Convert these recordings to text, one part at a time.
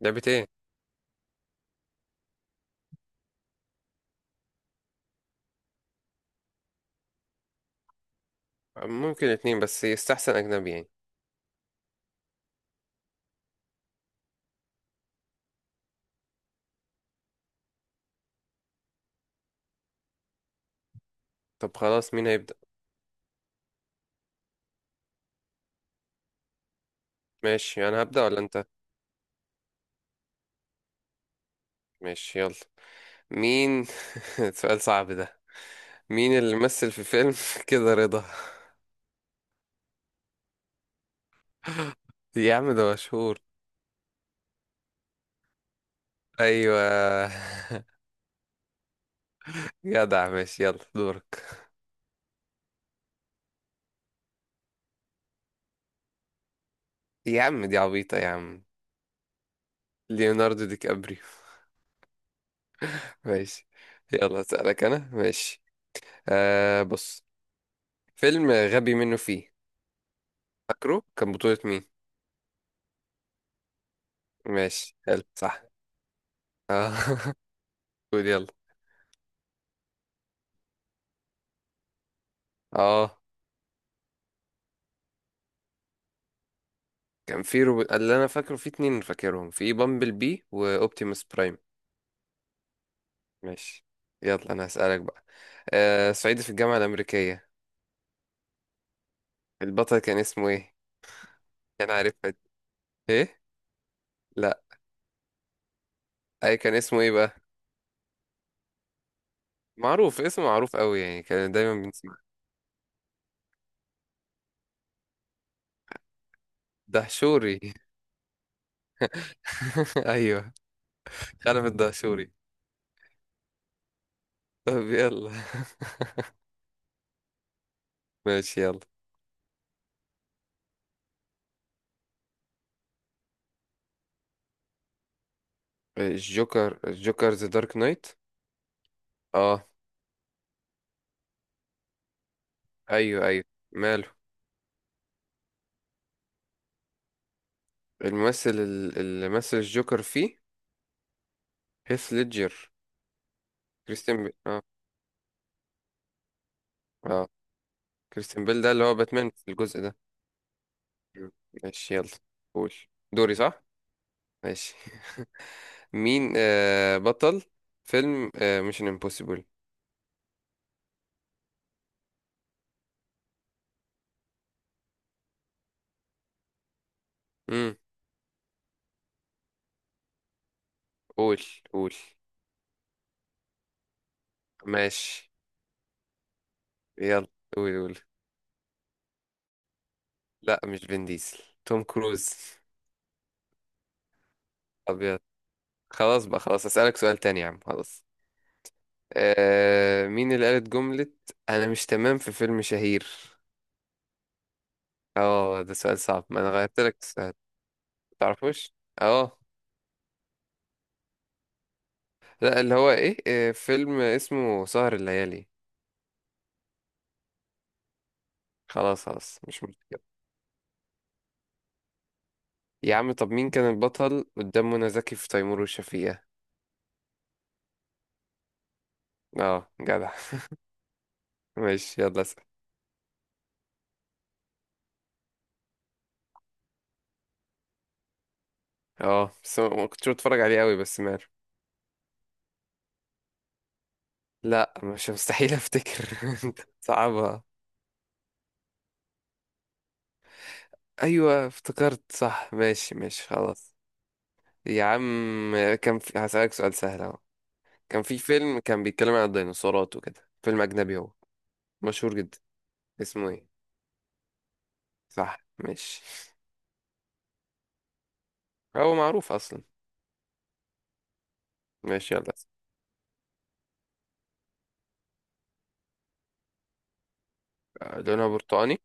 لعبة ايه؟ ممكن اتنين، بس يستحسن اجنبي يعني. طب خلاص، مين هيبدأ؟ ماشي، انا هبدأ ولا انت؟ ماشي يلا. مين؟ سؤال صعب ده. مين اللي مثل في فيلم كده رضا؟ يا عم ده مشهور. ايوه. جدع، ماشي، يلا دورك. يا عم دي عبيطة، يا عم. ليوناردو دي كابريو. ماشي. يلا اسألك انا، ماشي. بص، فيلم غبي منه فيه. فاكره كان بطولة مين؟ ماشي، حلو، صح. آه. قول يلا. اه اللي انا فاكره في اتنين، فاكرهم في بامبل بي واوبتيموس برايم. ماشي، يلا انا هسألك بقى. صعيدي في الجامعة الأمريكية. البطل كان اسمه ايه؟ كان عارفها دي. ايه؟ لا، اي كان اسمه ايه بقى؟ معروف، اسمه معروف قوي يعني، كان دايما بنسمع. دهشوري. ايوه، خلف الدهشوري. طب يلا. ماشي يلا. الجوكر ذا دارك نايت. اه، ايوه ايوه، ماله. الممثل اللي مثل الجوكر فيه. هيث ليدجر. كريستيان بيل. اه. اه، كريستيان بيل ده اللي هو باتمان في الجزء ده. مم. ماشي يلا، قول. دوري، صح؟ ماشي. مين بطل فيلم ميشن امبوسيبل؟ امم قول قول. ماشي يلا، قول قول. لا، مش فين ديزل. توم كروز. ابيض. خلاص بقى، خلاص، اسالك سؤال تاني يا عم، خلاص. مين اللي قالت جملة ”انا مش تمام“ في فيلم شهير؟ اه، ده سؤال صعب. ما انا غيرت لك السؤال. تعرفوش؟ اه. لا، اللي هو ايه، فيلم اسمه سهر الليالي. خلاص خلاص، مش مشكلة. يا عم، طب مين كان البطل قدام منى زكي في تيمور وشفيقة؟ اه، جدع. ماشي، يلا اسأل. اه، بس ما كنتش بتفرج عليه قوي، بس ماله. لا، مش مستحيل افتكر. صعبة. ايوه، افتكرت صح، ماشي ماشي، خلاص. يا عم، هسألك سؤال سهل اهو. كان في فيلم كان بيتكلم عن الديناصورات وكده، فيلم اجنبي هو، مشهور جدا. اسمه ايه؟ صح، ماشي. هو معروف اصلا. ماشي يلا. لونها برتقاني.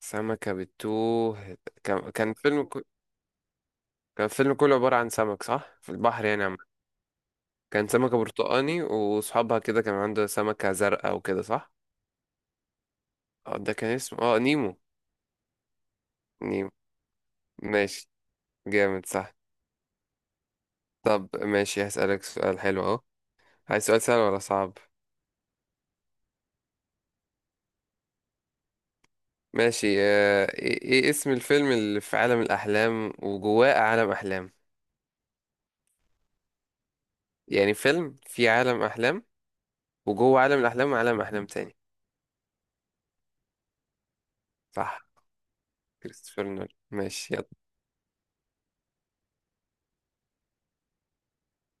سمكة بتوه. كان كان فيلم كله عبارة عن سمك، صح، في البحر يعني عم. كان سمكة برتقاني وصحابها كده كان عنده سمكة زرقاء وكده، صح؟ اه، ده كان اسمه نيمو. نيمو، ماشي. جامد، صح؟ طب ماشي، هسألك سؤال حلو اهو. عايز سؤال سهل ولا صعب؟ ماشي. إيه اسم الفيلم اللي في عالم الأحلام وجواه عالم أحلام؟ يعني فيلم في عالم أحلام، وجوه عالم الأحلام، وعالم أحلام تاني. صح، كريستوفر نولان. ماشي يلا.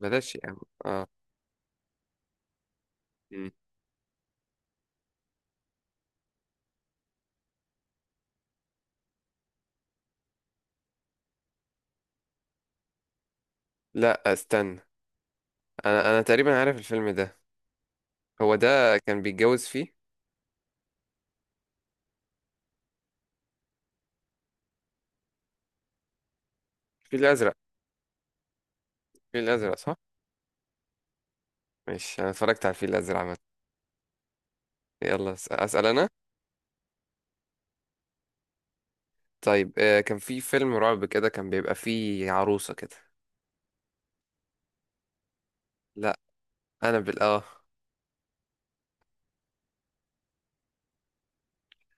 بلاش يا عم. اه. مم. لا استنى، انا تقريبا عارف الفيلم ده. هو ده كان بيتجوز فيه؟ الفيل الازرق. الفيل الازرق، صح. ماشي. انا اتفرجت على الفيل الازرق عامه. يلا اسال انا. طيب، كان في فيلم رعب كده كان بيبقى فيه عروسه كده. لا، انا بال، اه.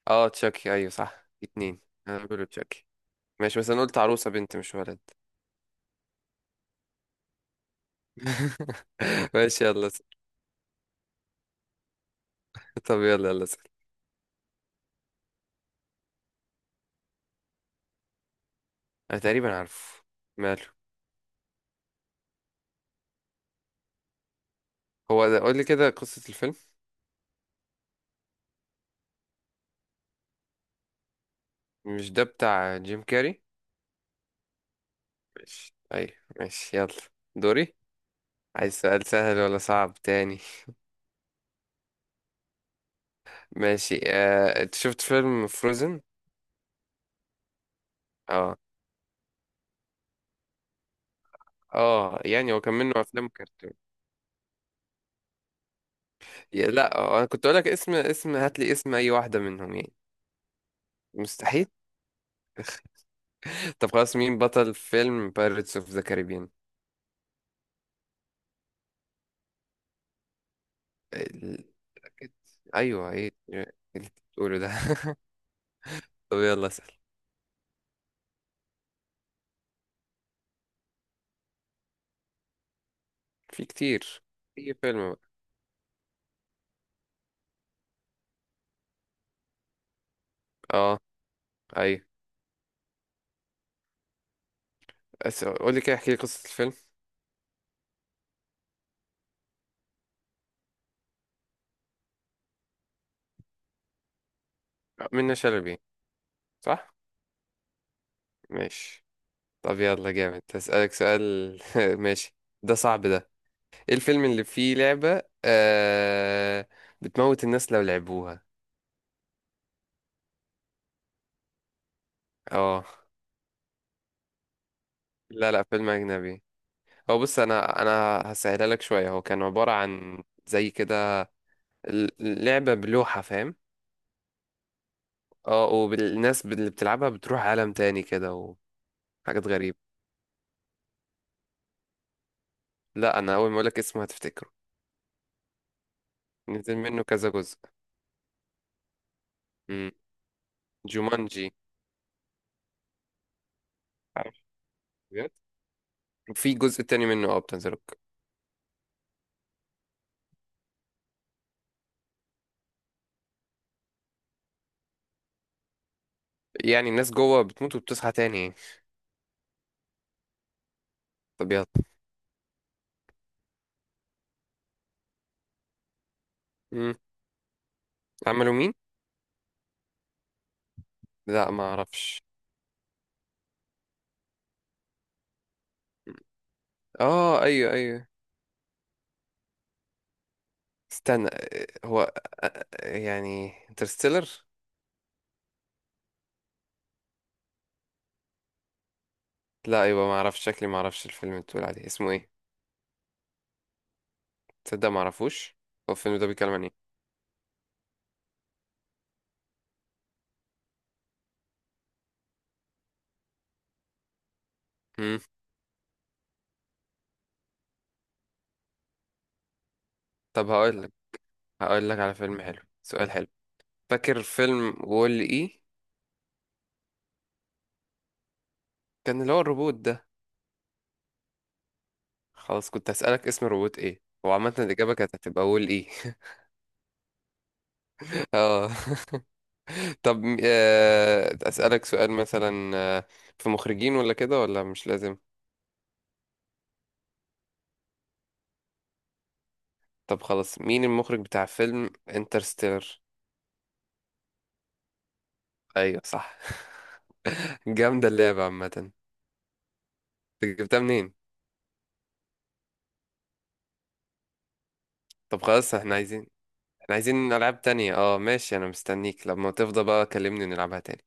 اه، تشاكي، ايوه صح، اتنين. انا بقوله تشاكي. ماشي، بس انا قلت عروسه بنت مش ولد. ماشي، يلا اسأل. طب يلا يلا اسال. انا تقريبا عارفه، ماله. هو ده، قول لي كده قصه الفيلم. مش ده بتاع جيم كاري؟ ماشي، ايوه. ماشي يلا، دوري. عايز سؤال سهل ولا صعب تاني؟ ماشي. انت شفت فيلم فروزن؟ اه. اه، يعني هو كان منه افلام كرتون. لا، انا كنت اقول لك اسم. هات لي اسم اي واحده منهم يعني. مستحيل. طب خلاص، مين بطل فيلم بايرتس اوف ذا كاريبيان؟ ال... ايوه، إيه اللي بتقوله ده؟ طب يلا اسال. في كتير. في فيلم بقى. اه، ايوه. قول لي كده، احكي لي قصه الفيلم. منة شلبي، صح؟ ماشي. طب يلا جامد، هسألك سؤال. ماشي. ده صعب ده. ايه الفيلم اللي فيه لعبة بتموت الناس لو لعبوها؟ اه. لا لا، فيلم أجنبي. هو بص، أنا هسهلها لك شوية. هو كان عبارة عن زي كده. ال- لعبة بلوحة، فاهم؟ اه، والناس اللي بتلعبها بتروح عالم تاني كده، وحاجات غريبة. لا، أنا أول ما أقولك اسمه هتفتكره. نزل منه كذا جزء. مم. جومانجي. عارف؟ بجد؟ وفي جزء تاني منه، اه، بتنزله. يعني الناس جوه بتموت وبتصحى تاني يعني. طبيعة. امم عملوا مين؟ لا، ما اعرفش. اه، ايوه ايوه، استنى. هو يعني انترستيلر. لا، ايوه، ما اعرفش. شكلي ما اعرفش الفيلم اللي بتقول عليه اسمه ايه. تصدق؟ ما اعرفوش. هو الفيلم ده بيتكلم عن ايه؟ امم طب هقول لك. هقول لك على فيلم حلو، سؤال حلو. فاكر فيلم وول اي؟ كان اللي هو الروبوت ده. خلاص، كنت هسألك اسم الروبوت ايه، وعامة الإجابة كانت هتبقى وول اي. اه. طب، أسألك سؤال مثلا، في مخرجين ولا كده، ولا مش لازم؟ طب خلاص، مين المخرج بتاع فيلم انترستيلر؟ ايوه، صح. جامدة اللعبة عامة. أنت جبتها منين؟ طب خلاص، احنا عايزين. احنا عايزين ألعاب تانية. اه، ماشي، انا مستنيك لما تفضى بقى، كلمني نلعبها تاني.